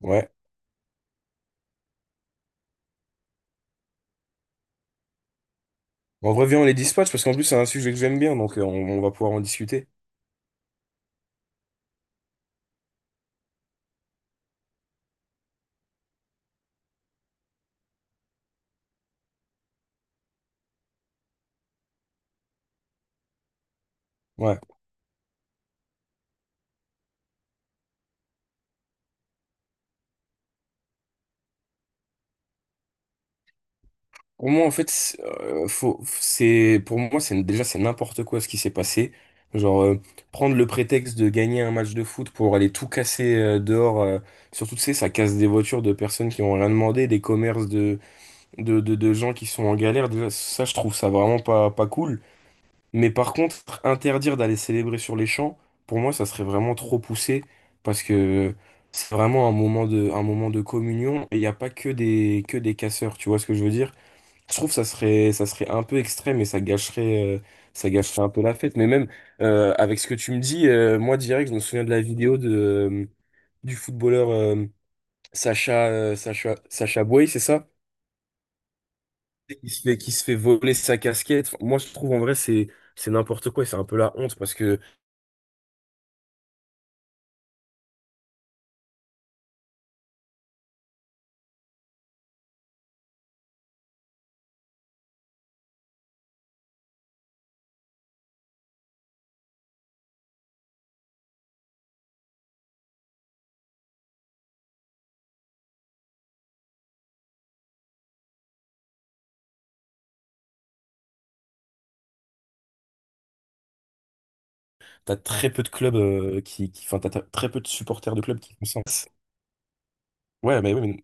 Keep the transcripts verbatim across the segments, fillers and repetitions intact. Ouais. On revient, on les dispatch parce qu'en plus, c'est un sujet que j'aime bien, donc euh, on, on va pouvoir en discuter. Ouais. Pour moi, en fait, c'est, euh, faut, c'est, pour moi, c'est, déjà, c'est n'importe quoi ce qui s'est passé. Genre, euh, prendre le prétexte de gagner un match de foot pour aller tout casser euh, dehors, euh, surtout, tu sais, ça casse des voitures de personnes qui ont rien demandé, des commerces de, de, de, de gens qui sont en galère. Déjà, ça, je trouve ça vraiment pas, pas cool. Mais par contre, interdire d'aller célébrer sur les champs, pour moi, ça serait vraiment trop poussé parce que c'est vraiment un moment de, un moment de communion et il n'y a pas que des, que des casseurs, tu vois ce que je veux dire? Je trouve que ça serait, ça serait un peu extrême et ça gâcherait, euh, ça gâcherait un peu la fête. Mais même euh, avec ce que tu me dis, euh, moi direct, je me souviens de la vidéo de, euh, du footballeur euh, Sacha, euh, Sacha, Sacha Boey, c'est ça? Qui se fait, qui se fait voler sa casquette. Enfin, moi, je trouve en vrai, c'est, c'est n'importe quoi et c'est un peu la honte parce que. T'as très peu de clubs euh, qui, qui, enfin, t'as t'as très peu de supporters de clubs qui font ça. Ouais, mais, ouais, mais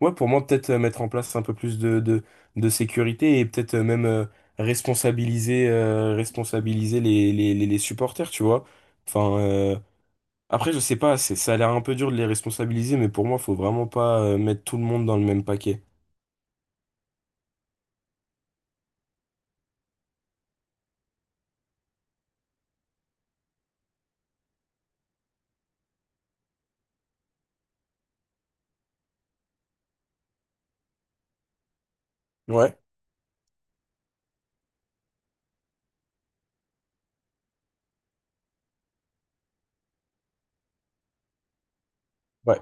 ouais, pour moi, peut-être euh, mettre en place un peu plus de, de, de sécurité et peut-être euh, même euh, responsabiliser, euh, responsabiliser les, les, les, les supporters, tu vois. Enfin, euh, après, je sais pas, c'est, ça a l'air un peu dur de les responsabiliser, mais pour moi, faut vraiment pas euh, mettre tout le monde dans le même paquet. Ouais. Ouais.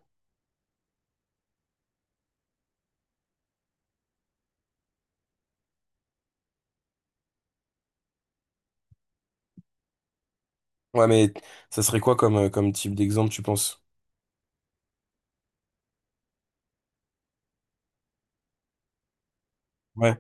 Ouais, mais ça serait quoi comme, euh, comme type d'exemple, tu penses? Ouais.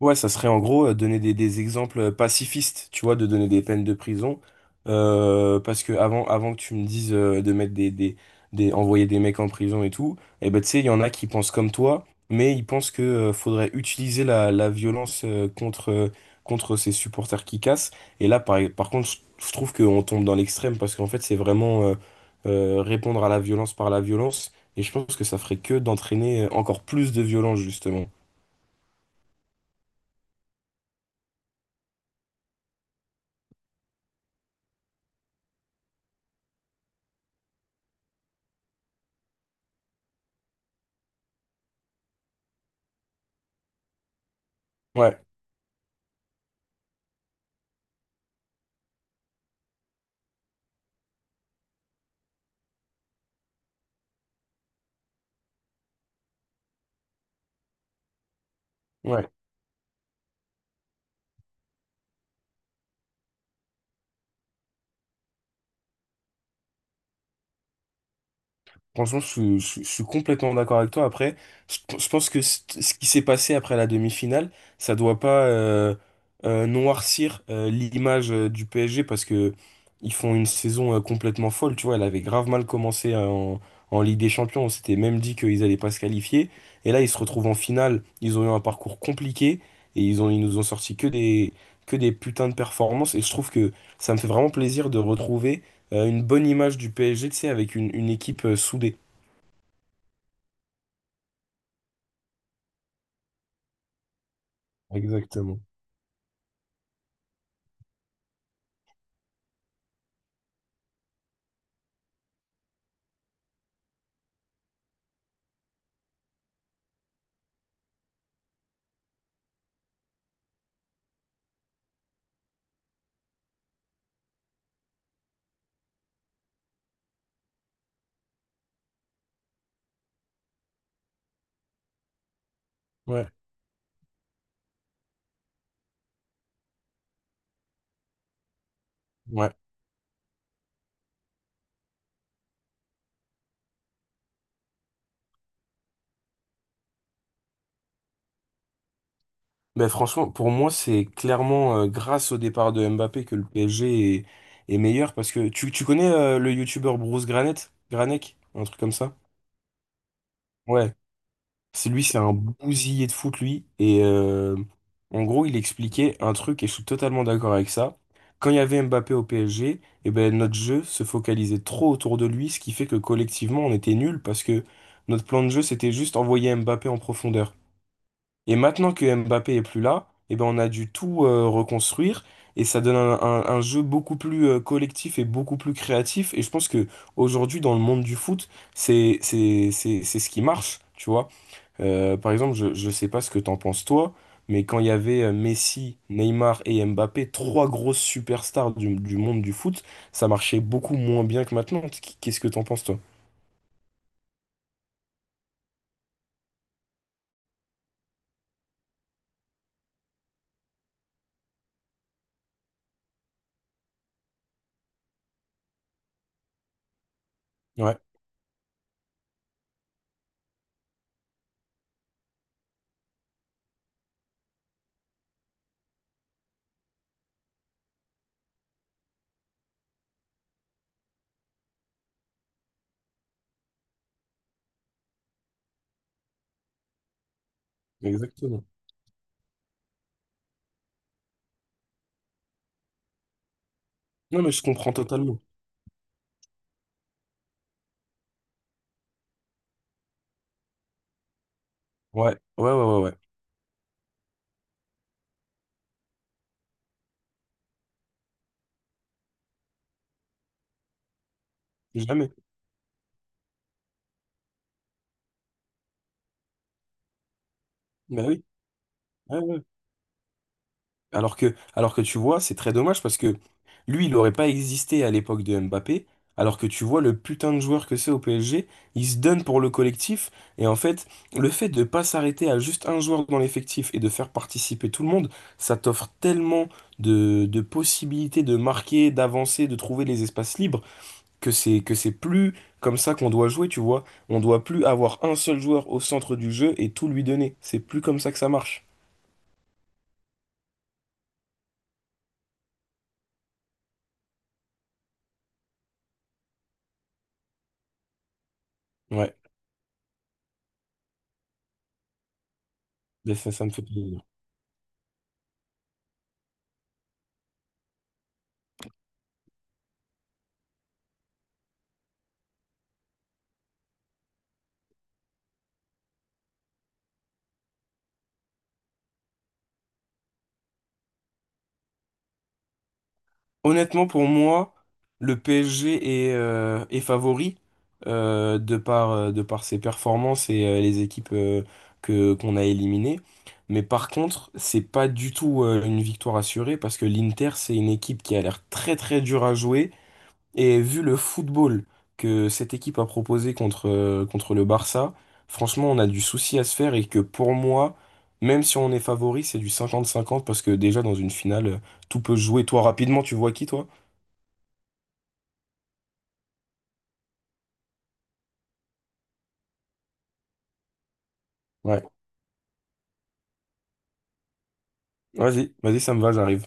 Ouais, ça serait en gros euh, donner des, des exemples euh, pacifistes, tu vois, de donner des peines de prison. Euh, parce que avant, avant que tu me dises euh, de mettre des, des, des- envoyer des mecs en prison et tout, eh ben, tu sais, il y en a qui pensent comme toi, mais ils pensent que euh, faudrait utiliser la, la violence euh, contre, euh, contre ces supporters qui cassent. Et là, par, par contre, je je trouve qu'on tombe dans l'extrême parce qu'en fait, c'est vraiment euh, euh, répondre à la violence par la violence. Et je pense que ça ferait que d'entraîner euh, encore plus de violence, justement. Ouais, ouais. Franchement, je, suis je suis- je suis complètement d'accord avec toi. Après, je, je pense que c- ce qui s'est passé après la demi-finale, ça doit pas euh, euh, noircir euh, l'image euh, du P S G parce que ils font une saison euh, complètement folle. Tu vois, elle avait grave mal commencé euh, en, en Ligue des Champions. On s'était même dit qu'ils allaient pas se qualifier. Et là, ils se retrouvent en finale. Ils ont eu un parcours compliqué et ils ont, ils nous ont sorti que des, que des putains de performances. Et je trouve que ça me fait vraiment plaisir de retrouver euh, une bonne image du P S G, tu sais, avec une, une équipe euh, soudée. Exactement. Ouais, ouais. Ben franchement, pour moi, c'est clairement euh, grâce au départ de Mbappé que le P S G est, est meilleur parce que tu, tu connais euh, le youtubeur Bruce Granet, Granek, un truc comme ça? Ouais. C'est lui, c'est un bousillé de foot, lui. Et euh, en gros, il expliquait un truc, et je suis totalement d'accord avec ça. Quand il y avait Mbappé au P S G, eh ben, notre jeu se focalisait trop autour de lui, ce qui fait que collectivement, on était nuls parce que notre plan de jeu, c'était juste envoyer Mbappé en profondeur. Et maintenant que Mbappé est plus là, eh ben, on a dû tout euh, reconstruire, et ça donne un, un- un jeu beaucoup plus euh, collectif et beaucoup plus créatif. Et je pense que aujourd'hui, dans le monde du foot, c'est, c'est, c'est, c'est ce qui marche, tu vois. Euh, par exemple, je ne sais pas ce que t'en penses toi, mais quand il y avait euh, Messi, Neymar et Mbappé, trois grosses superstars du, du monde du foot, ça marchait beaucoup moins bien que maintenant. Qu- Qu'est-ce que t'en penses toi? Ouais, exactement. Non, mais je comprends totalement. Ouais, ouais, ouais, ouais, ouais. Jamais. Bah oui. Ouais, ouais. Alors que, alors que tu vois, c'est très dommage parce que lui, il n'aurait pas existé à l'époque de Mbappé, alors que tu vois le putain de joueur que c'est au P S G, il se donne pour le collectif, et en fait, le fait de pas s'arrêter à juste un joueur dans l'effectif et de faire participer tout le monde, ça t'offre tellement de, de possibilités de marquer, d'avancer, de trouver les espaces libres, que c'est, que c'est plus comme ça qu'on doit jouer, tu vois. On doit plus avoir un seul joueur au centre du jeu et tout lui donner. C'est plus comme ça que ça marche. Ouais, mais ça, ça me fait plaisir. Honnêtement, pour moi, le P S G est, euh, est favori euh, de par, euh, de par ses performances et euh, les équipes euh, que, qu'on a éliminées. Mais par contre, c'est pas du tout euh, une victoire assurée parce que l'Inter, c'est une équipe qui a l'air très très dure à jouer. Et vu le football que cette équipe a proposé contre, euh, contre le Barça, franchement, on a du souci à se faire et que pour moi, même si on est favori, c'est du cinquante-cinquante parce que déjà dans une finale, tout peut se jouer. Toi, rapidement, tu vois qui, toi? Ouais. Vas-y, vas-y, ça me va, j'arrive.